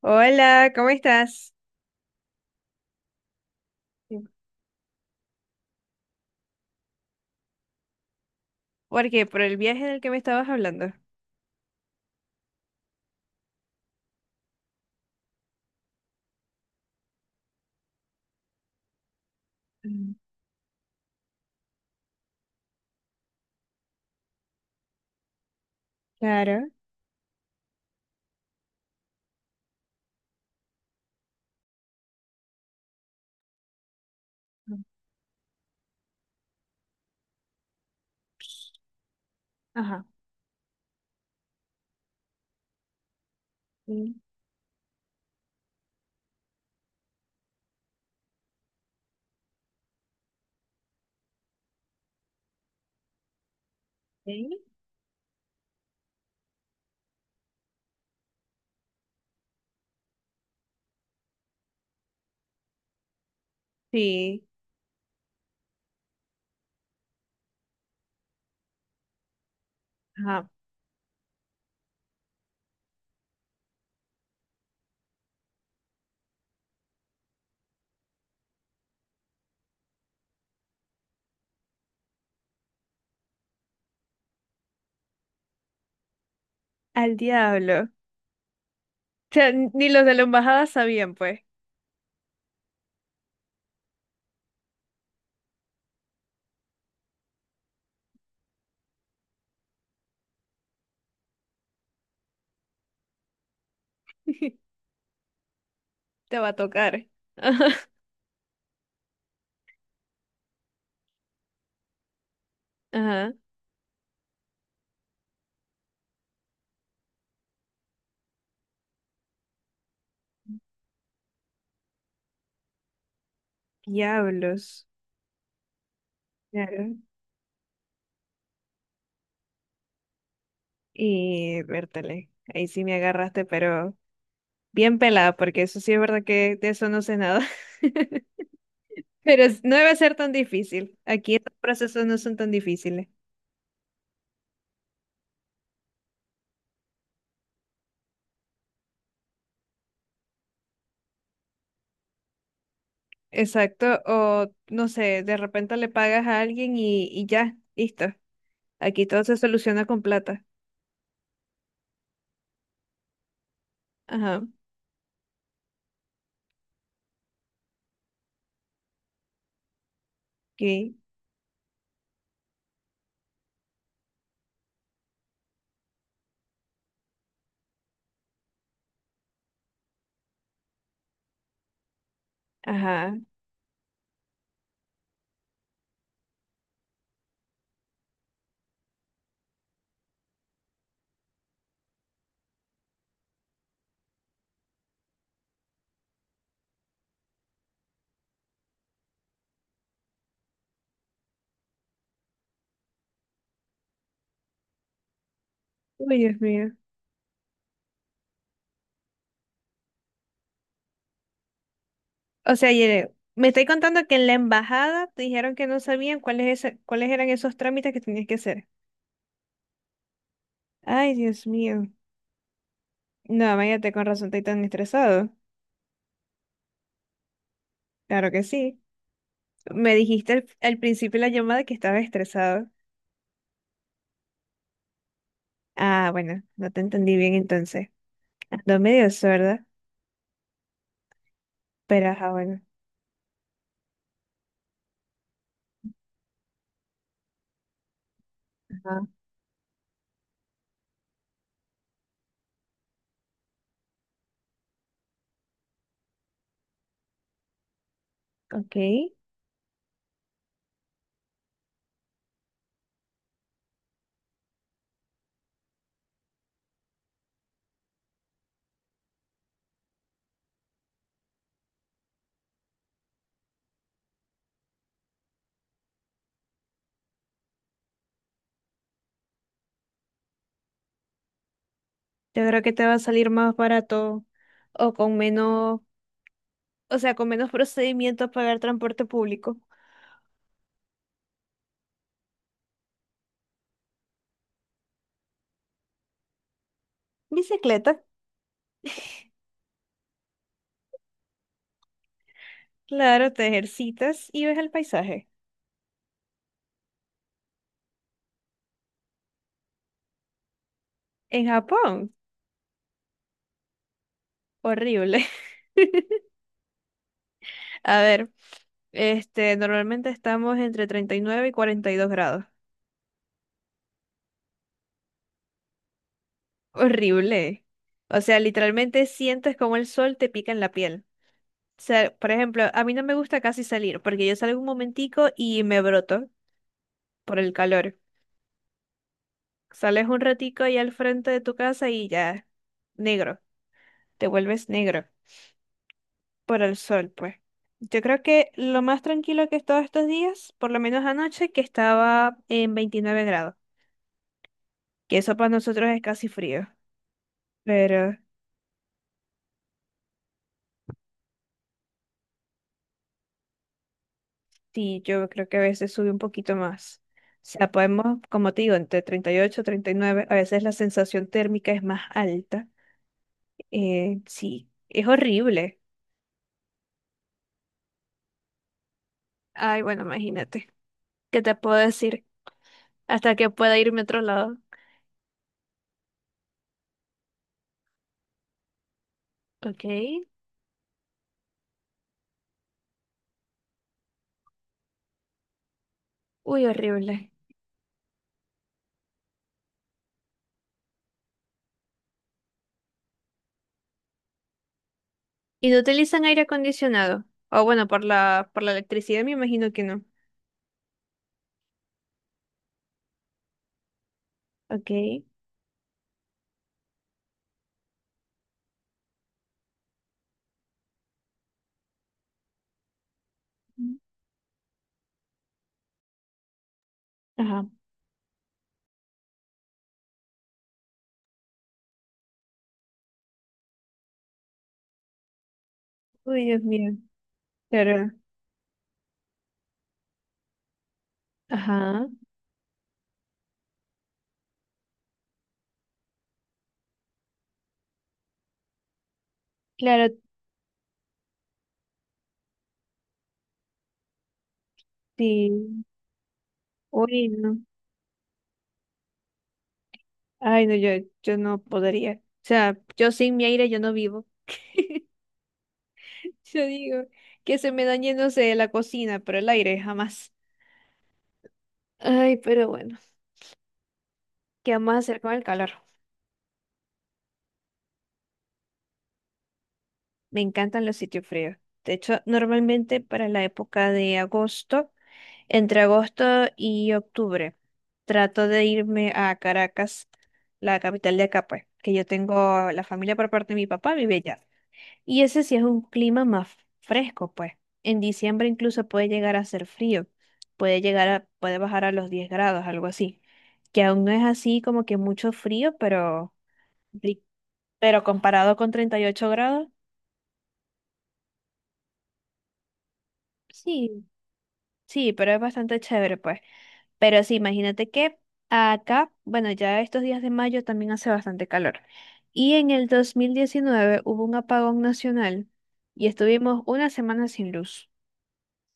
Hola, ¿cómo estás? ¿Por qué? ¿Por el viaje del que me estabas hablando? Mm. Claro. Ajá. Mm. ¿Sí? Sí. Ajá. Al diablo. O sea, ni los de la embajada sabían, pues. Te va a tocar. Ajá, ajá. Diablos. Claro. Y vértale. Ahí sí me agarraste, pero bien pelada, porque eso sí es verdad que de eso no sé nada. Pero no debe ser tan difícil. Aquí estos procesos no son tan difíciles. Exacto, o no sé, de repente le pagas a alguien y ya, listo. Aquí todo se soluciona con plata. Ajá, ok, ajá. Uy, Dios mío. O sea, Yere, me estoy contando que en la embajada te dijeron que no sabían cuáles, cuáles eran esos trámites que tenías que hacer. Ay, Dios mío. No, váyate con razón, estoy tan estresado. Claro que sí. Me dijiste al principio de la llamada que estaba estresado. Ah, bueno, no te entendí bien entonces. Ando medio sorda, pero ajá, bueno. Ok, yo creo que te va a salir más barato o con menos, o sea, con menos procedimientos pagar transporte público. Bicicleta, claro, te ejercitas y ves el paisaje. En Japón, horrible. A ver, este, normalmente estamos entre 39 y 42 grados. Horrible. O sea, literalmente sientes como el sol te pica en la piel. O sea, por ejemplo, a mí no me gusta casi salir porque yo salgo un momentico y me broto por el calor. Sales un ratico ahí al frente de tu casa y ya, negro, te vuelves negro por el sol, pues. Yo creo que lo más tranquilo que he estado estos días, por lo menos anoche, que estaba en 29 grados, que eso para nosotros es casi frío, pero sí, yo creo que a veces sube un poquito más. O sea, podemos, como te digo, entre 38, treinta y nueve, a veces la sensación térmica es más alta. Sí, es horrible. Ay, bueno, imagínate. ¿Qué te puedo decir? Hasta que pueda irme a otro lado. Ok. Uy, horrible. ¿Y no utilizan aire acondicionado? O bueno, por la electricidad me imagino que no. Ok. Mm. Ajá. Uy, Dios mío. Claro. Ajá. Claro, sí. Uy, no. Ay, no, yo no podría. O sea, yo sin mi aire yo no vivo. Yo digo que se me dañe, no sé, la cocina, pero el aire jamás. Ay, pero bueno, ¿qué vamos a hacer con el calor? Me encantan los sitios fríos. De hecho, normalmente para la época de agosto. Entre agosto y octubre trato de irme a Caracas, la capital de acá, pues, que yo tengo la familia por parte de mi papá, vive allá. Y ese sí es un clima más fresco, pues. En diciembre incluso puede llegar a ser frío, puede llegar a, puede bajar a los 10 grados, algo así. Que aún no es así como que mucho frío, pero, ri- pero comparado con 38 grados, sí, sí, pero es bastante chévere, pues. Pero sí, imagínate que acá, bueno, ya estos días de mayo también hace bastante calor. Y en el 2019 hubo un apagón nacional y estuvimos una semana sin luz,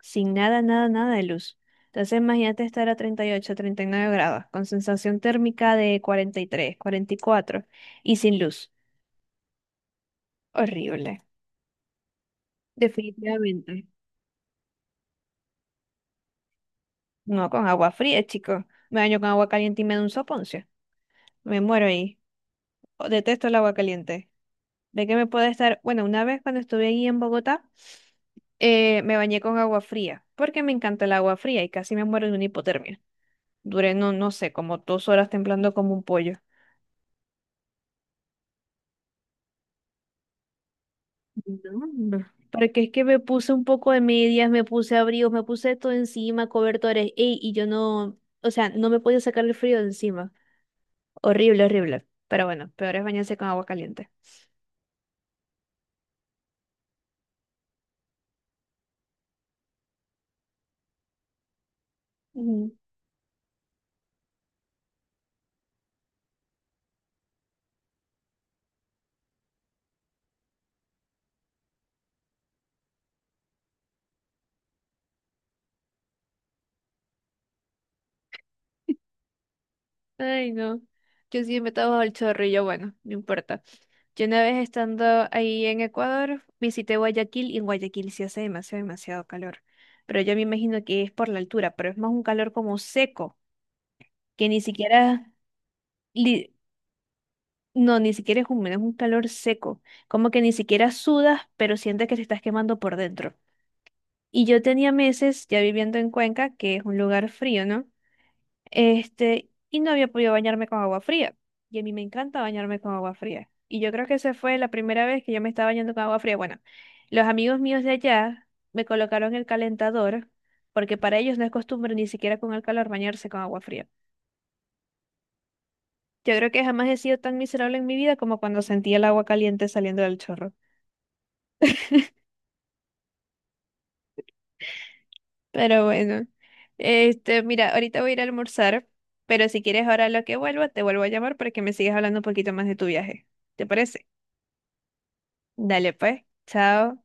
sin nada de luz. Entonces imagínate estar a 30, 38, 39 grados, con sensación térmica de 43, 44, y sin luz. Horrible. Definitivamente. No, con agua fría, chico. Me baño con agua caliente y me da un soponcio. Me muero ahí. Detesto el agua caliente. De que me puede estar, bueno, una vez cuando estuve ahí en Bogotá, me bañé con agua fría, porque me encanta el agua fría y casi me muero de una hipotermia. Duré, no, no sé, como dos horas temblando como un pollo. No, no. Porque es que me puse un poco de medias, me puse abrigos, me puse todo encima, cobertores, ey, y yo no, o sea, no me podía sacar el frío de encima. Horrible, horrible. Pero bueno, peor es bañarse con agua caliente. Ay, no. Yo sí me estaba al chorrillo, bueno, no importa. Yo una vez estando ahí en Ecuador, visité Guayaquil y en Guayaquil sí hace demasiado, demasiado calor. Pero yo me imagino que es por la altura, pero es más un calor como seco, que ni siquiera, li- no, ni siquiera es húmedo, es un calor seco. Como que ni siquiera sudas, pero sientes que te estás quemando por dentro. Y yo tenía meses ya viviendo en Cuenca, que es un lugar frío, ¿no? Este, y no había podido bañarme con agua fría. Y a mí me encanta bañarme con agua fría. Y yo creo que esa fue la primera vez que yo me estaba bañando con agua fría. Bueno, los amigos míos de allá me colocaron el calentador, porque para ellos no es costumbre ni siquiera con el calor bañarse con agua fría. Yo creo que jamás he sido tan miserable en mi vida como cuando sentí el agua caliente saliendo del chorro. Pero bueno, este, mira, ahorita voy a ir a almorzar, pero si quieres ahora lo que vuelva, te vuelvo a llamar para que me sigas hablando un poquito más de tu viaje. ¿Te parece? Dale pues, chao.